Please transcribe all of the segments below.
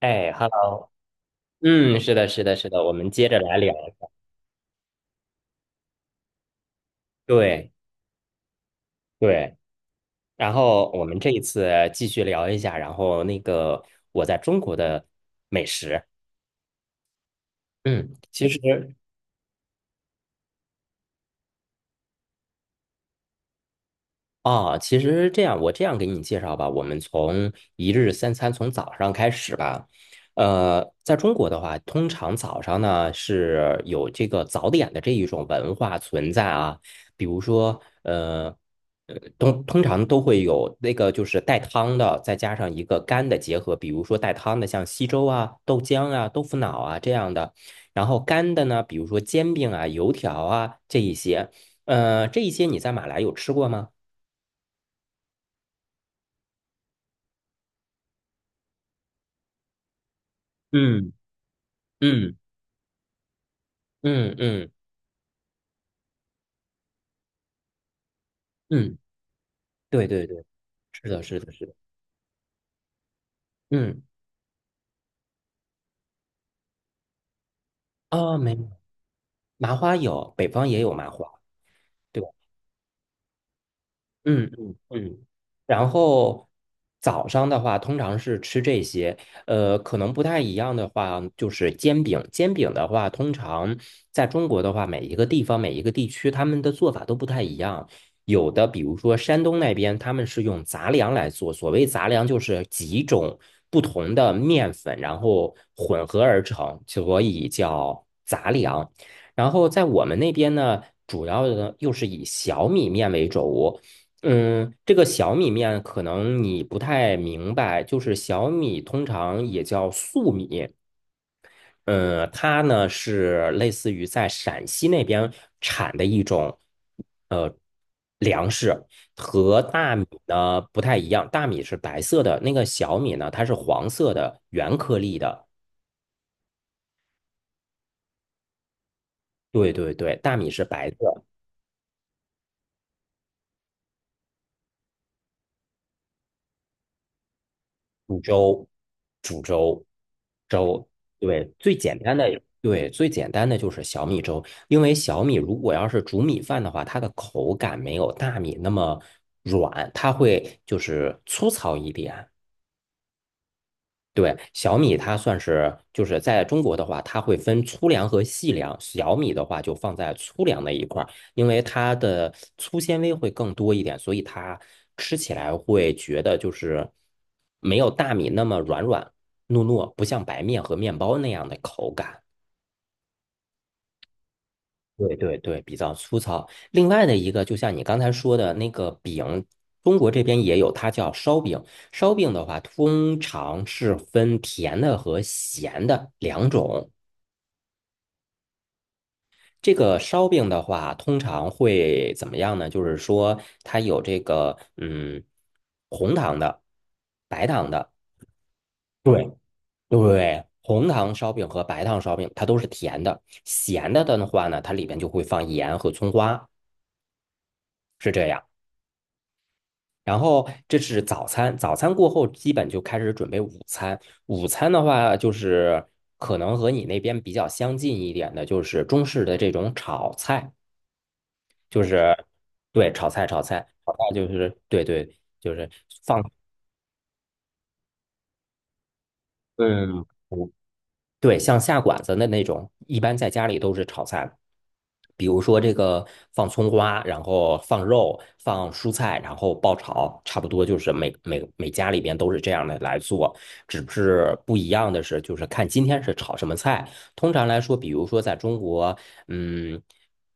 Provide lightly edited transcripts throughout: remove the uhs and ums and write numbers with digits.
哎，Hello，嗯，是的，是的，是的，我们接着来聊，对对，然后我们这一次继续聊一下，然后我在中国的美食。嗯，其实其实这样，我这样给你介绍吧，我们从一日三餐从早上开始吧。在中国的话，通常早上呢是有这个早点的这一种文化存在啊。比如说，通常都会有那个就是带汤的，再加上一个干的结合。比如说带汤的像稀粥啊、豆浆啊、豆腐脑啊这样的，然后干的呢，比如说煎饼啊、油条啊这一些。这一些你在马来有吃过吗？嗯嗯嗯嗯嗯，对对对，是的，是的，是的。嗯，没有，麻花有，北方也有麻花，对吧？嗯嗯嗯。然后早上的话，通常是吃这些。可能不太一样的话，就是煎饼。煎饼的话，通常在中国的话，每一个地方、每一个地区，他们的做法都不太一样。有的，比如说山东那边，他们是用杂粮来做。所谓杂粮，就是几种不同的面粉，然后混合而成，所以叫杂粮。然后在我们那边呢，主要的又是以小米面为主。嗯，这个小米面可能你不太明白，就是小米通常也叫粟米。嗯，它呢是类似于在陕西那边产的一种呃粮食，和大米呢不太一样，大米是白色的，那个小米呢它是黄色的，圆颗粒的。对对对，大米是白色。煮粥，煮粥，粥，对，最简单的，对，最简单的就是小米粥。因为小米如果要是煮米饭的话，它的口感没有大米那么软，它会就是粗糙一点。对，小米它算是就是在中国的话，它会分粗粮和细粮。小米的话就放在粗粮那一块儿，因为它的粗纤维会更多一点，所以它吃起来会觉得就是没有大米那么软软糯糯，不像白面和面包那样的口感。对对对，比较粗糙。另外的一个，就像你刚才说的那个饼，中国这边也有，它叫烧饼。烧饼的话，通常是分甜的和咸的两种。这个烧饼的话，通常会怎么样呢？就是说，它有这个红糖的、白糖的。对对，红糖烧饼和白糖烧饼，它都是甜的。咸的的话呢，它里边就会放盐和葱花，是这样。然后这是早餐，早餐过后基本就开始准备午餐。午餐的话，就是可能和你那边比较相近一点的，就是中式的这种炒菜。就是对炒菜，炒菜就是对对，就是放对对对，对，像下馆子的那种，一般在家里都是炒菜。比如说这个放葱花，然后放肉，放蔬菜，然后爆炒，差不多就是每家里边都是这样的来做，只是不一样的是，就是看今天是炒什么菜。通常来说，比如说在中国，嗯，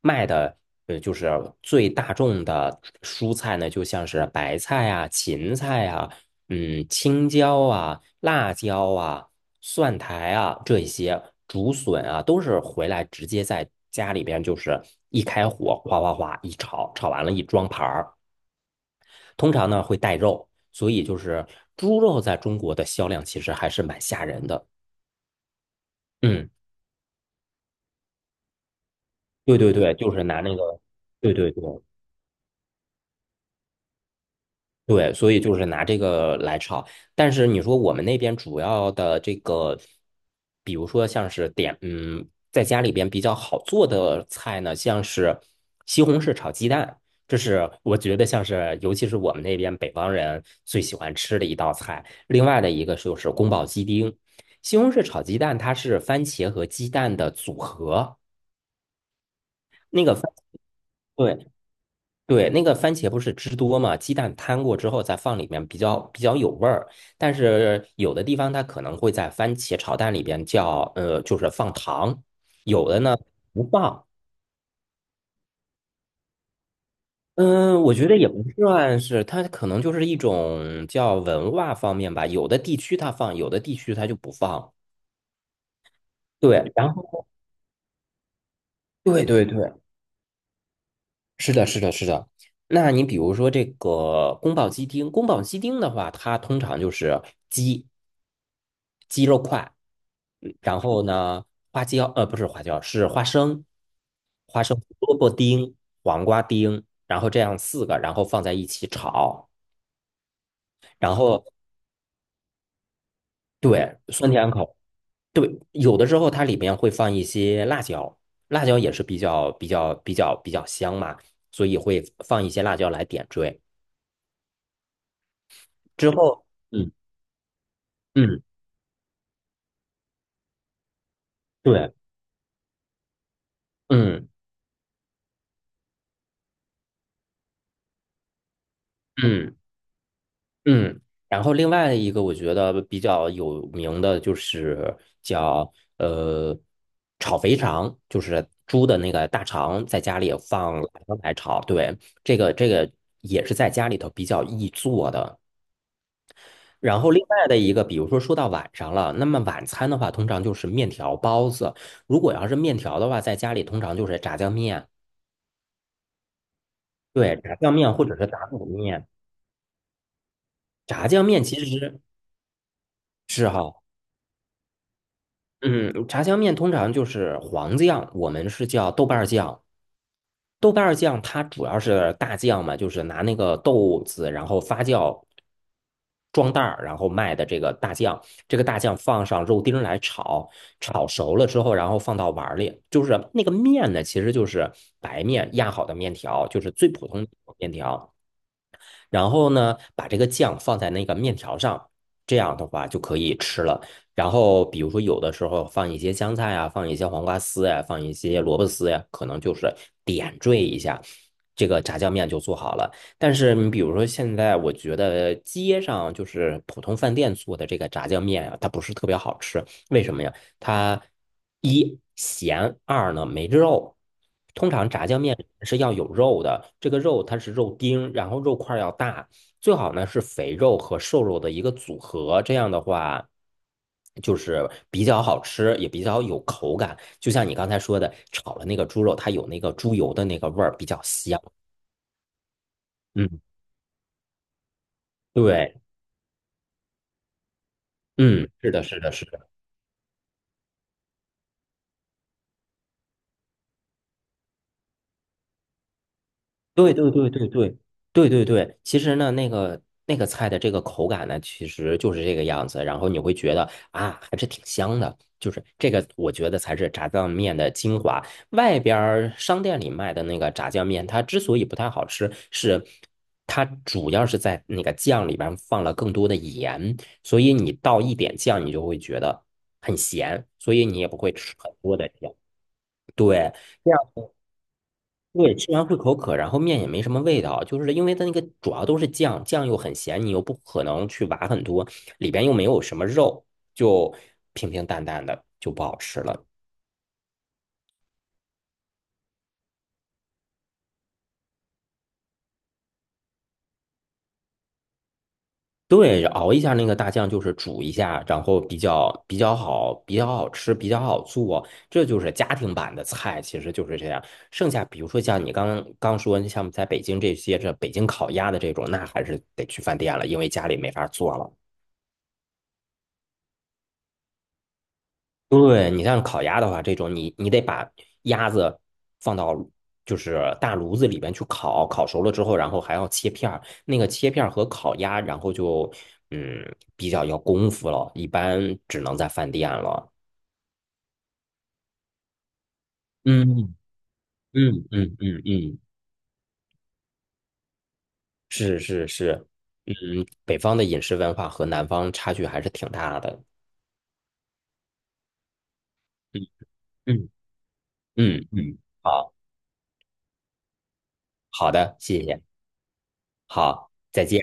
卖的就是最大众的蔬菜呢，就像是白菜啊、芹菜啊。嗯，青椒啊、辣椒啊、蒜苔啊这一些竹笋啊，都是回来直接在家里边就是一开火，哗哗哗一炒，炒完了一装盘儿。通常呢会带肉，所以就是猪肉在中国的销量其实还是蛮吓人的。嗯，对对对，就是拿那个，对对对，对，所以就是拿这个来炒。但是你说我们那边主要的这个，比如说像是点，在家里边比较好做的菜呢，像是西红柿炒鸡蛋，这是我觉得像是，尤其是我们那边北方人最喜欢吃的一道菜。另外的一个就是宫保鸡丁。西红柿炒鸡蛋它是番茄和鸡蛋的组合。那个番。对，对，那个番茄不是汁多嘛，鸡蛋摊过之后再放里面比较有味儿。但是有的地方它可能会在番茄炒蛋里边叫就是放糖，有的呢不放。嗯，我觉得也不算是，它可能就是一种叫文化方面吧，有的地区它放，有的地区它就不放。对，然后对对对，是的，是的，是的。那你比如说这个宫保鸡丁，宫保鸡丁的话，它通常就是鸡。鸡肉块，然后呢，花椒，呃，不是花椒，是花生，花生、萝卜丁、黄瓜丁，然后这样四个，然后放在一起炒，然后对，酸甜口。对，有的时候它里面会放一些辣椒，辣椒也是比较香嘛，所以会放一些辣椒来点缀。之后，嗯嗯，对，嗯嗯。嗯，然后另外一个我觉得比较有名的就是叫呃炒肥肠，就是猪的那个大肠，在家里放辣椒来炒。对，这个也是在家里头比较易做的。然后另外的一个，比如说说到晚上了，那么晚餐的话，通常就是面条、包子。如果要是面条的话，在家里通常就是炸酱面。对，炸酱面或者是打卤面。炸酱面其实是哈。嗯，炸酱面通常就是黄酱，我们是叫豆瓣儿酱。豆瓣儿酱它主要是大酱嘛，就是拿那个豆子，然后发酵装袋儿，然后卖的这个大酱。这个大酱放上肉丁儿来炒，炒熟了之后，然后放到碗儿里。就是那个面呢，其实就是白面压好的面条，就是最普通的面条。然后呢，把这个酱放在那个面条上，这样的话就可以吃了。然后比如说有的时候放一些香菜啊，放一些黄瓜丝呀、放一些萝卜丝呀、可能就是点缀一下，这个炸酱面就做好了。但是你比如说现在，我觉得街上就是普通饭店做的这个炸酱面啊，它不是特别好吃。为什么呀？它一咸，二呢没肉。通常炸酱面是要有肉的，这个肉它是肉丁，然后肉块儿要大，最好呢是肥肉和瘦肉的一个组合，这样的话就是比较好吃，也比较有口感。就像你刚才说的，炒了那个猪肉，它有那个猪油的那个味儿，比较香。嗯，对，嗯，是的，是的，是的。对对对对对对，其实呢，那个菜的这个口感呢，其实就是这个样子，然后你会觉得啊，还是挺香的，就是这个，我觉得才是炸酱面的精华。外边儿商店里卖的那个炸酱面，它之所以不太好吃，是它主要是在那个酱里边放了更多的盐，所以你倒一点酱，你就会觉得很咸，所以你也不会吃很多的酱。对。这样。对，吃完会口渴，然后面也没什么味道，就是因为它那个主要都是酱，酱又很咸，你又不可能去挖很多，里边又没有什么肉，就平平淡淡的就不好吃了。对，熬一下那个大酱，就是煮一下，然后比较好，比较好吃，比较好做，这就是家庭版的菜，其实就是这样。剩下比如说像你刚刚说，像在北京这些这北京烤鸭的这种，那还是得去饭店了，因为家里没法做了。对，你像烤鸭的话，这种你得把鸭子放到就是大炉子里边去烤，烤熟了之后，然后还要切片儿。那个切片儿和烤鸭，然后就嗯比较要功夫了，一般只能在饭店了。嗯嗯嗯嗯嗯，是是是，嗯，北方的饮食文化和南方差距还是挺大的。嗯嗯嗯嗯，好好的，谢谢，好，再见。